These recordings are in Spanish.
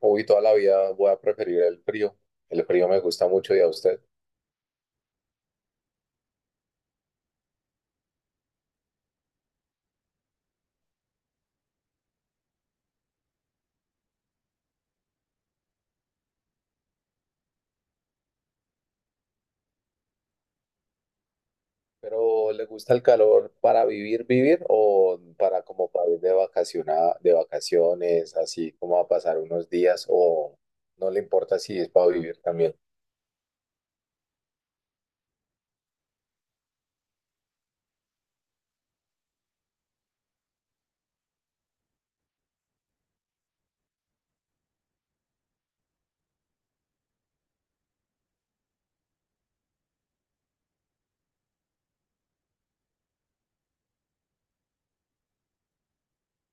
Hoy toda la vida voy a preferir el frío. El frío me gusta mucho ¿y a usted? Pero ¿le gusta el calor para vivir o para como para ir de de vacaciones, así como a pasar unos días, o no le importa si es para vivir también?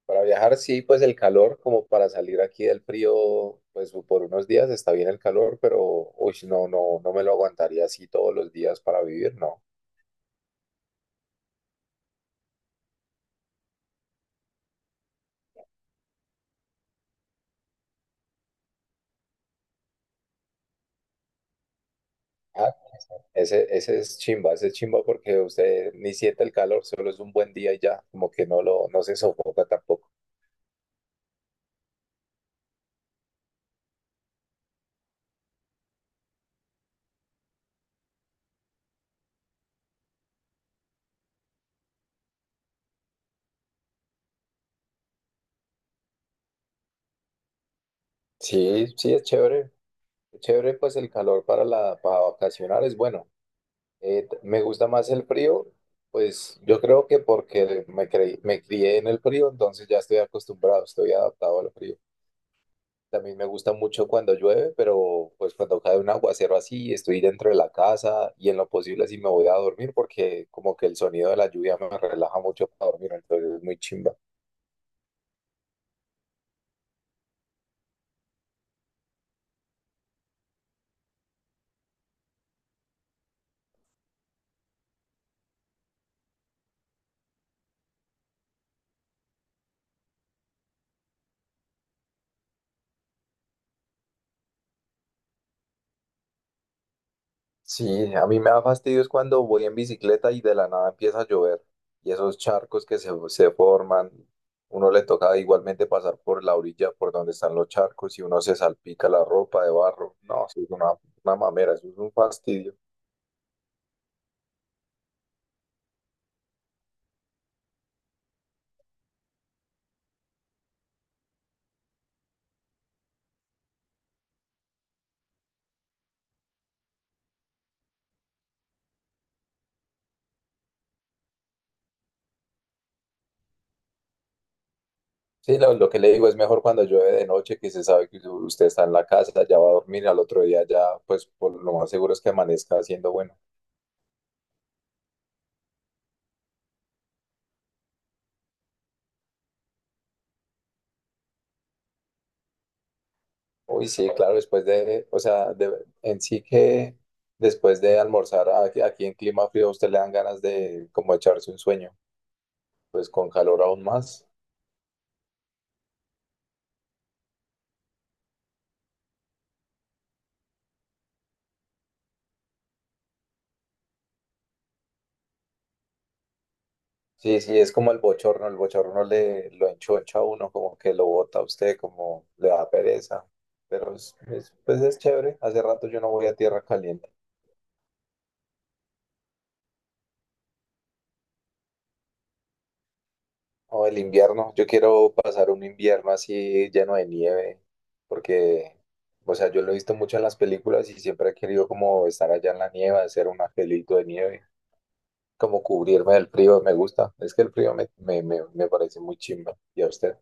Para viajar sí, pues el calor como para salir aquí del frío, pues por unos días está bien el calor, pero uy, no, no, no me lo aguantaría así todos los días para vivir, no. Ah, ese es chimba, ese es chimba porque usted ni siente el calor, solo es un buen día y ya, como que no lo, no se sofoca tampoco. Sí, sí, es chévere. Es chévere, pues el calor para para vacacionar es bueno. Me gusta más el frío, pues yo creo que porque me crié en el frío, entonces ya estoy acostumbrado, estoy adaptado al frío. También me gusta mucho cuando llueve, pero pues cuando cae un aguacero así, estoy dentro de la casa y en lo posible así me voy a dormir, porque como que el sonido de la lluvia me relaja mucho para dormir, entonces es muy chimba. Sí, a mí me da fastidio es cuando voy en bicicleta y de la nada empieza a llover, y esos charcos que se forman, uno le toca igualmente pasar por la orilla por donde están los charcos y uno se salpica la ropa de barro. No, eso es una mamera, eso es un fastidio. Sí, lo que le digo es mejor cuando llueve de noche, que se sabe que usted está en la casa, ya va a dormir, al otro día ya, pues por lo más seguro es que amanezca haciendo bueno. Uy, sí, claro, después de, o sea, en sí que después de almorzar aquí, aquí en clima frío, a usted le dan ganas de como echarse un sueño, pues con calor aún más. Sí, sí, es como el bochorno le lo enchocha a uno, como que lo bota a usted, como le da pereza, pero pues es chévere, hace rato yo no voy a tierra caliente. O el invierno, yo quiero pasar un invierno así lleno de nieve, porque, o sea, yo lo he visto mucho en las películas y siempre he querido como estar allá en la nieve, hacer un angelito de nieve, como cubrirme del frío, me gusta. Es que el frío me parece muy chimba. ¿Y a usted?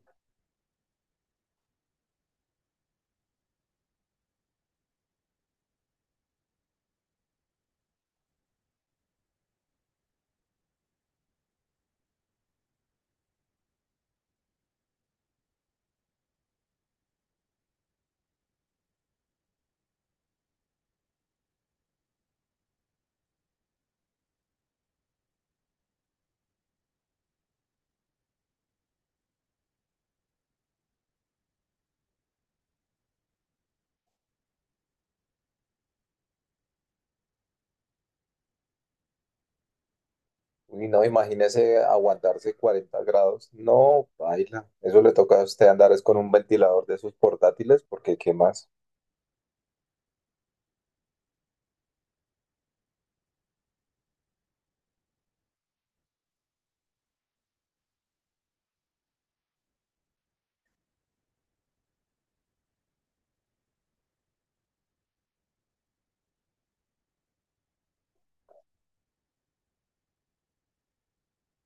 Y no, imagínese aguantarse 40 grados. No, baila. Eso le toca a usted andar es con un ventilador de esos portátiles, porque ¿qué más?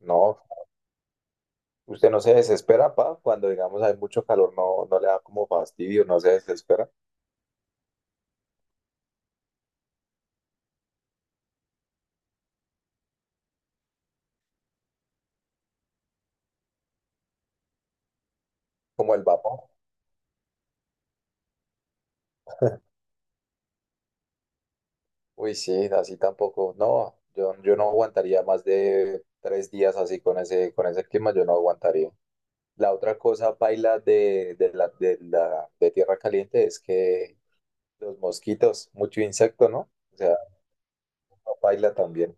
No, ¿usted no se desespera, pa? Cuando, digamos, hay mucho calor, no, no le da como fastidio, no se desespera. Como el vapor. Uy, sí, así tampoco. No, yo no aguantaría más de 3 días así con ese clima, yo no aguantaría. La otra cosa, paila, de tierra caliente es que los mosquitos, mucho insecto, ¿no? O sea, no, paila también.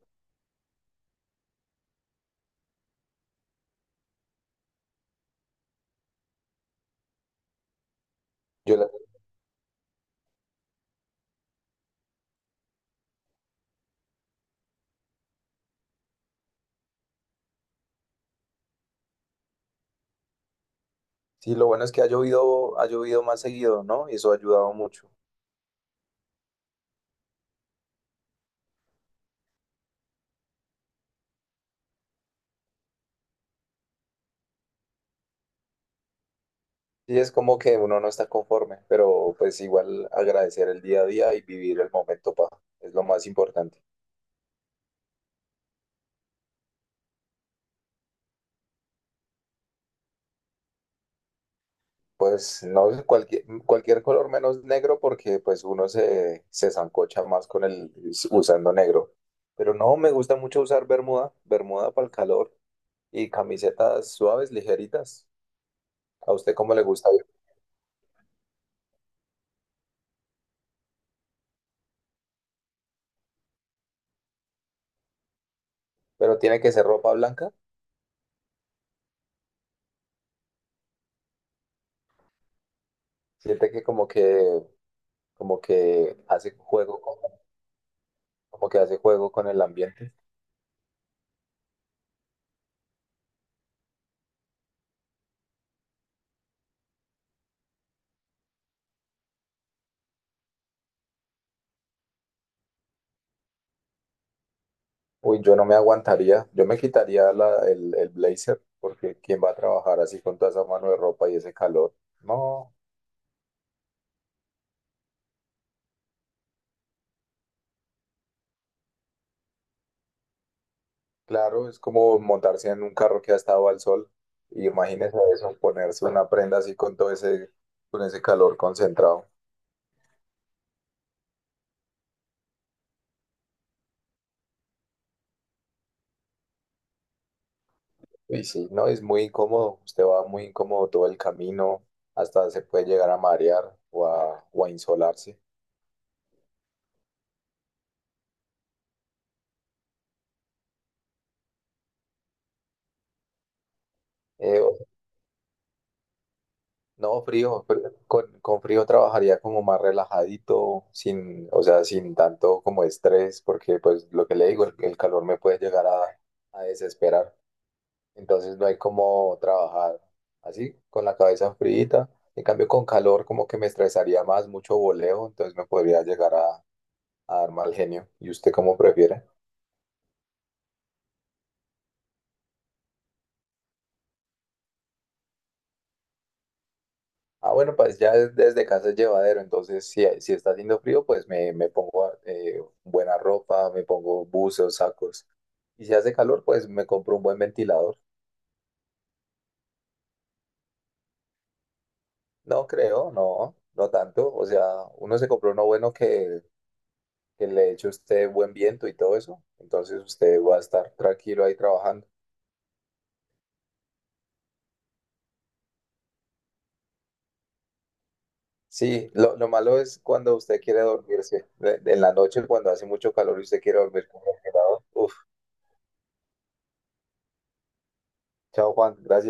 Yo sí, lo bueno es que ha llovido más seguido, ¿no? Y eso ha ayudado mucho. Y es como que uno no está conforme, pero pues igual agradecer el día a día y vivir el momento, pa, es lo más importante. Pues no es cualquier, cualquier color menos negro, porque pues uno se sancocha más con el usando negro. Pero no, me gusta mucho usar bermuda, bermuda para el calor, y camisetas suaves, ligeritas. ¿A usted cómo le gusta? Pero tiene que ser ropa blanca. Siente que como que como que hace juego con- como que hace juego con el ambiente. Uy, yo no me aguantaría, yo me quitaría el blazer, porque ¿quién va a trabajar así con toda esa mano de ropa y ese calor? No, claro, es como montarse en un carro que ha estado al sol, y imagínese eso, ponerse una prenda así con todo ese, con ese calor concentrado. Y sí, no, es muy incómodo, usted va muy incómodo todo el camino, hasta se puede llegar a marear o a insolarse. Eh, No, frío, pero con frío trabajaría como más relajadito, sin, o sea, sin tanto como estrés, porque pues lo que le digo, el calor me puede llegar a desesperar. Entonces no hay como trabajar así, con la cabeza fríita. En cambio, con calor como que me estresaría más, mucho voleo, entonces me podría llegar a dar mal genio. ¿Y usted cómo prefiere? Ah, bueno, pues ya desde casa es llevadero, entonces si está haciendo frío, pues me pongo buena ropa, me pongo buzos, sacos. Y si hace calor, pues me compro un buen ventilador. No creo, no, no tanto. O sea, uno se compró uno bueno que le eche a usted buen viento y todo eso. Entonces usted va a estar tranquilo ahí trabajando. Sí, lo malo es cuando usted quiere dormirse. En la noche, cuando hace mucho calor y usted quiere dormir con el ventilador. Uf, chao Juan, gracias.